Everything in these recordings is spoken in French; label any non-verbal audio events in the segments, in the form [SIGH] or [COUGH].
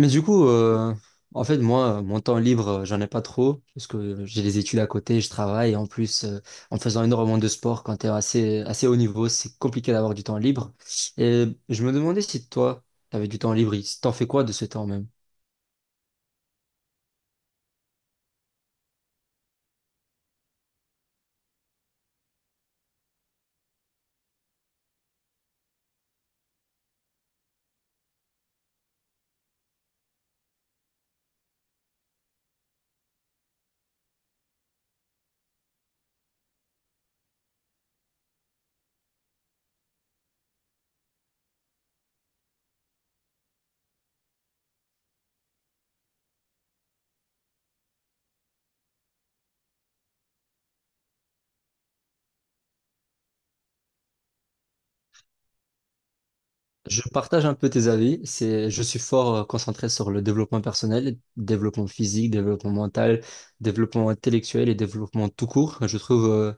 Mais du coup, euh, Moi, mon temps libre, j'en ai pas trop, parce que j'ai des études à côté, je travaille, et en plus, en faisant énormément de sport, quand t'es assez haut niveau, c'est compliqué d'avoir du temps libre. Et je me demandais si toi, t'avais du temps libre, t'en fais quoi de ce temps même? Je partage un peu tes avis. C'est, je suis fort concentré sur le développement personnel, développement physique, développement mental, développement intellectuel et développement tout court. Je trouve,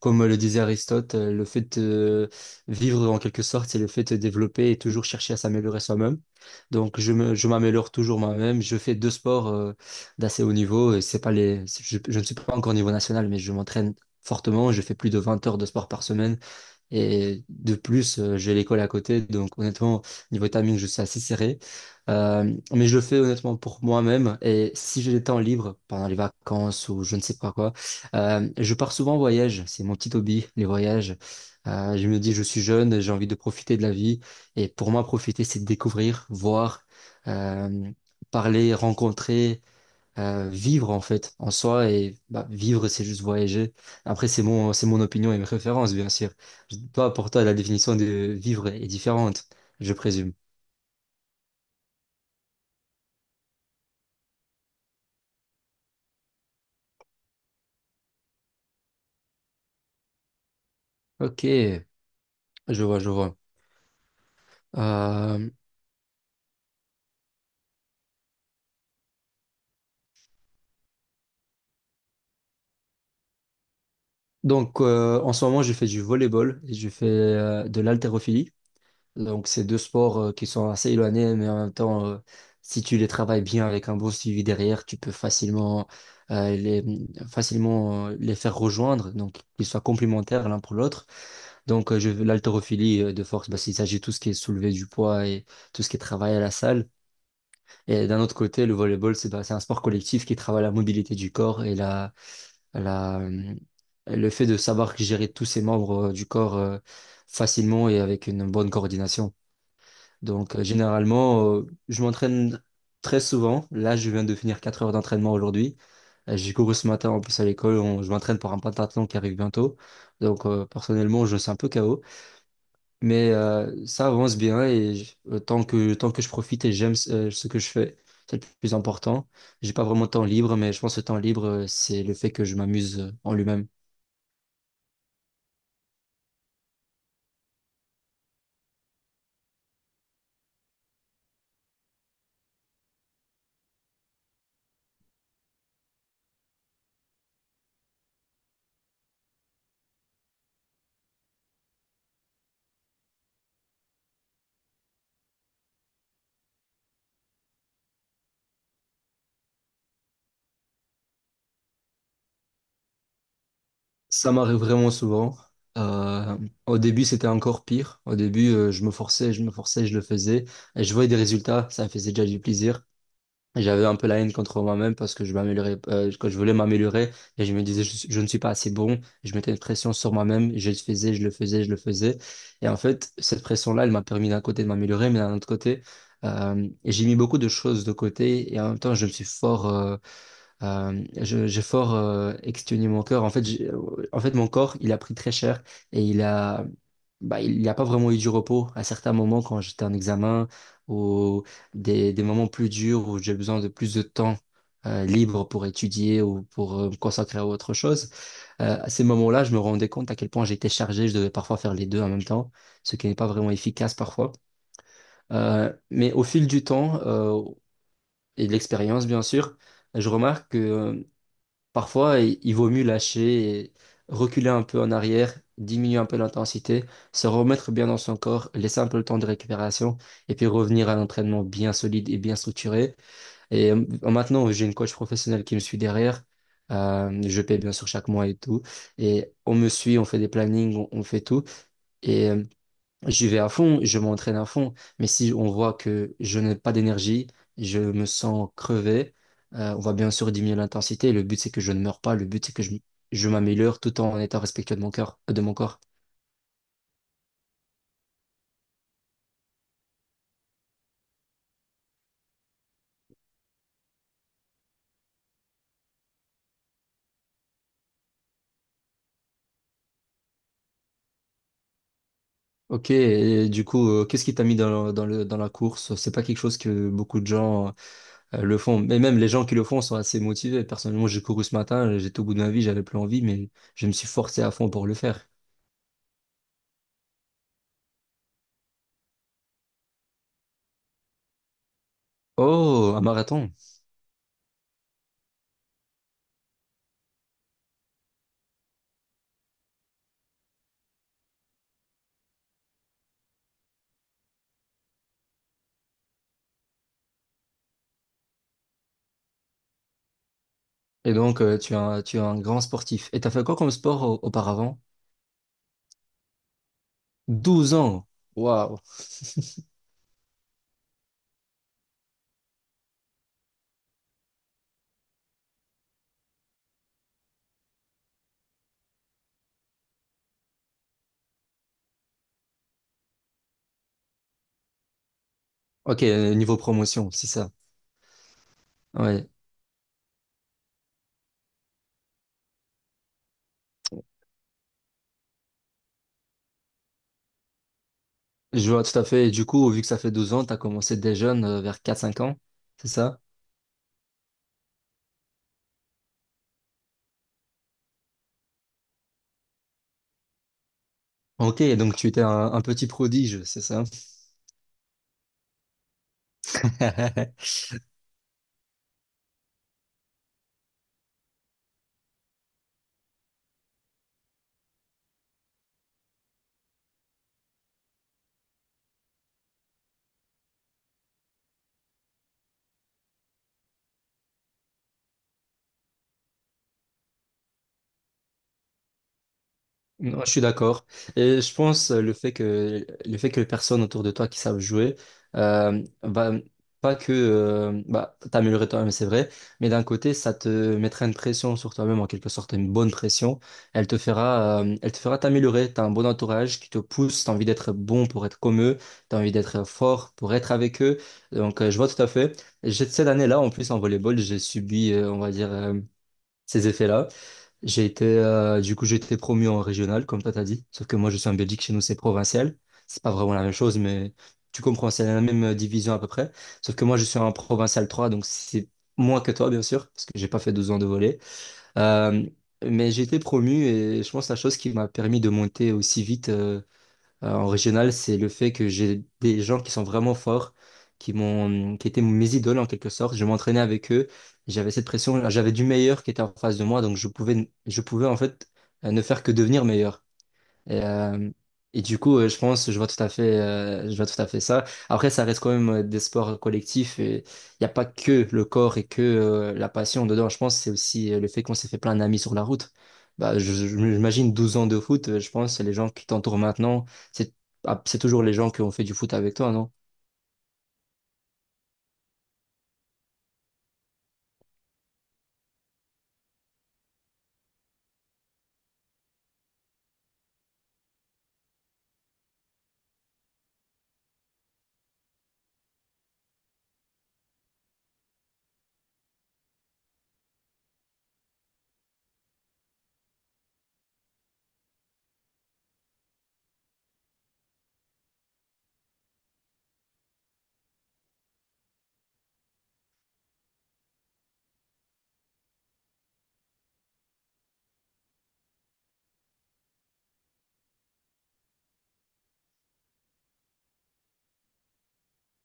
comme le disait Aristote, le fait de vivre en quelque sorte, c'est le fait de développer et toujours chercher à s'améliorer soi-même. Donc, je m'améliore toujours moi-même. Je fais deux sports, d'assez haut niveau. Et c'est pas les, je ne suis pas encore au niveau national, mais je m'entraîne fortement. Je fais plus de 20 heures de sport par semaine. Et de plus, j'ai l'école à côté, donc honnêtement, niveau timing, je suis assez serré. Mais je le fais honnêtement pour moi-même. Et si j'ai des temps libres pendant les vacances ou je ne sais pas quoi, je pars souvent en voyage. C'est mon petit hobby, les voyages. Je me dis, je suis jeune, j'ai envie de profiter de la vie. Et pour moi, profiter, c'est découvrir, voir, euh, parler, rencontrer, vivre en fait en soi et bah, vivre c'est juste voyager. Après c'est mon opinion et mes références bien sûr. Toi, pour toi la définition de vivre est différente, je présume. Ok, je vois, je vois. Euh, En ce moment je fais du volleyball et je fais de l'haltérophilie. Donc c'est deux sports qui sont assez éloignés mais en même temps si tu les travailles bien avec un bon suivi derrière tu peux euh, les facilement les faire rejoindre donc qu'ils soient complémentaires l'un pour l'autre. Donc, l'haltérophilie de force, bah, il s'agit de tout ce qui est soulevé du poids et tout ce qui est travail à la salle. Et d'un autre côté, le volleyball, c'est un sport collectif qui travaille la mobilité du corps et la, euh, le fait de savoir gérer tous ses membres du corps facilement et avec une bonne coordination. Donc, généralement, je m'entraîne très souvent. Là, je viens de finir 4 heures d'entraînement aujourd'hui. J'ai couru ce matin en plus à l'école. Je m'entraîne pour un pentathlon qui arrive bientôt. Donc, personnellement, je suis un peu KO. Mais ça avance bien et tant tant que je profite et j'aime ce que je fais, c'est le plus important. J'ai pas vraiment de temps libre, mais je pense que le temps libre, c'est le fait que je m'amuse en lui-même. Ça m'arrive vraiment souvent. Euh, Au début, c'était encore pire. Au début, je me forçais, je le faisais. Et je voyais des résultats, ça me faisait déjà du plaisir. J'avais un peu la haine contre moi-même parce que je m'améliorais, que je voulais m'améliorer et je me disais je ne suis pas assez bon. Je mettais une pression sur moi-même, je le faisais. Et en fait, cette pression-là, elle m'a permis d'un côté de m'améliorer, mais d'un autre côté, j'ai mis beaucoup de choses de côté et en même temps, je me suis fort, je- j'ai fort exténué mon corps. En fait, mon corps, il a pris très cher et bah, il n'y a pas vraiment eu du repos à certains moments quand j'étais en examen ou des moments plus durs où j'ai besoin de plus de temps libre pour étudier ou pour me consacrer à autre chose. À ces moments-là, je me rendais compte à quel point j'étais chargé. Je devais parfois faire les deux en même temps, ce qui n'est pas vraiment efficace parfois. Mais au fil du temps et de l'expérience, bien sûr, je remarque que parfois, il vaut mieux lâcher et reculer un peu en arrière, diminuer un peu l'intensité, se remettre bien dans son corps, laisser un peu le temps de récupération et puis revenir à l'entraînement bien solide et bien structuré. Maintenant, j'ai une coach professionnelle qui me suit derrière. Je paie bien sûr chaque mois et tout. Et on me suit, on fait des plannings, on fait tout. Et euh, J'y vais à fond, je m'entraîne à fond, mais si on voit que je n'ai pas d'énergie, je me sens crevé, on va bien sûr diminuer l'intensité. Le but, c'est que je ne meure pas, le but, je m'améliore tout en étant respectueux de mon cœur, de mon corps. Ok, et du coup, qu'est-ce qui t'a mis dans la course? C'est pas quelque chose que beaucoup de gens le font, mais même les gens qui le font sont assez motivés. Personnellement, j'ai couru ce matin, j'étais au bout de ma vie, j'avais plus envie, mais je me suis forcé à fond pour le faire. Oh, un marathon! Et donc, tu es un grand sportif. Et t'as fait quoi comme sport auparavant? 12 ans. Waouh. Ok, niveau promotion, c'est ça. Ouais. Je vois tout à fait. Et du coup, vu que ça fait 12 ans, t'as commencé dès jeune, vers quatre cinq ans. C'est ça? Ok, donc tu étais un petit prodige, c'est ça? [LAUGHS] Non, je suis d'accord. Et je pense le fait que les personnes autour de toi qui savent jouer, bah, pas que bah, t'améliorer toi-même, c'est vrai, mais d'un côté, ça te mettra une pression sur toi-même, en quelque sorte, une bonne pression. Elle te fera t'améliorer. T'as un bon entourage qui te pousse, t'as envie d'être bon pour être comme eux, t'as envie d'être fort pour être avec eux. Donc, je vois tout à fait. Cette année-là, en plus, en volleyball, j'ai subi, on va dire, ces effets-là. J'ai été, j'ai été promu en régional, comme toi t'as dit. Sauf que moi, je suis en Belgique, chez nous, c'est provincial. C'est pas vraiment la même chose, mais tu comprends, c'est la même division à peu près. Sauf que moi, je suis en provincial 3 donc c'est moins que toi, bien sûr, parce que j'ai pas fait 12 ans de volley. Euh, mais j'ai été promu et je pense que la chose qui m'a permis de monter aussi vite en régional, c'est le fait que j'ai des gens qui sont vraiment forts, qui étaient mes idoles en quelque sorte. Je m'entraînais avec eux, j'avais cette pression, j'avais du meilleur qui était en face de moi, donc je pouvais en fait ne faire que devenir meilleur. Et, euh, je vois tout à fait, je vois tout à fait ça. Après, ça reste quand même des sports collectifs et il n'y a pas que le corps et que la passion dedans. Je pense que c'est aussi le fait qu'on s'est fait plein d'amis sur la route. Bah, j'imagine 12 ans de foot, je pense, les gens qui t'entourent maintenant, c'est c'est toujours les gens qui ont fait du foot avec toi, non?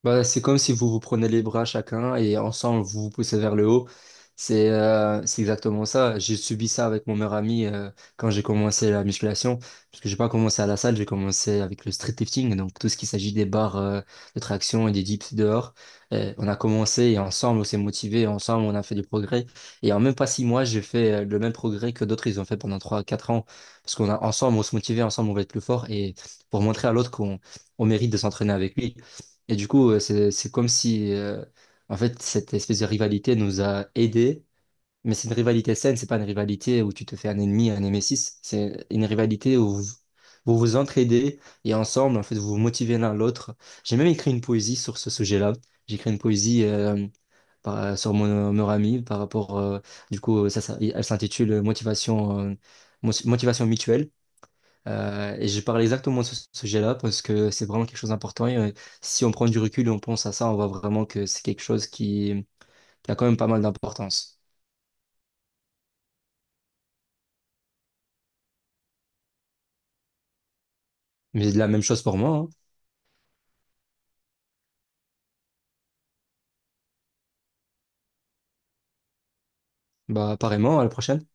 Bah, c'est comme si vous vous prenez les bras chacun et ensemble vous vous poussez vers le haut. C'est exactement ça. J'ai subi ça avec mon meilleur ami quand j'ai commencé la musculation. Parce que j'ai pas commencé à la salle, j'ai commencé avec le street lifting. Donc tout ce qui s'agit des barres de traction et des dips dehors. On a commencé et ensemble on s'est motivé, ensemble on a fait du progrès. Et en même pas 6 mois, j'ai fait le même progrès que d'autres ils ont fait pendant trois quatre ans. Parce qu'on a ensemble on se motivait, ensemble on va être plus fort et pour montrer à l'autre qu'on on mérite de s'entraîner avec lui. Et du coup, c'est comme si, en fait, cette espèce de rivalité nous a aidés. Mais c'est une rivalité saine, c'est pas une rivalité où tu te fais un ennemi, un némésis. C'est une rivalité où vous entraidez et ensemble, en fait, vous vous motivez l'un l'autre. J'ai même écrit une poésie sur ce sujet-là. J'ai écrit une poésie sur mon meilleur ami par rapport, elle s'intitule Motivation, Motivation mutuelle. Et je parle exactement de ce sujet-là parce que c'est vraiment quelque chose d'important. Et, si on prend du recul et on pense à ça, on voit vraiment que c'est quelque chose qui a quand même pas mal d'importance. Mais de la même chose pour moi, hein. Bah, apparemment, à la prochaine.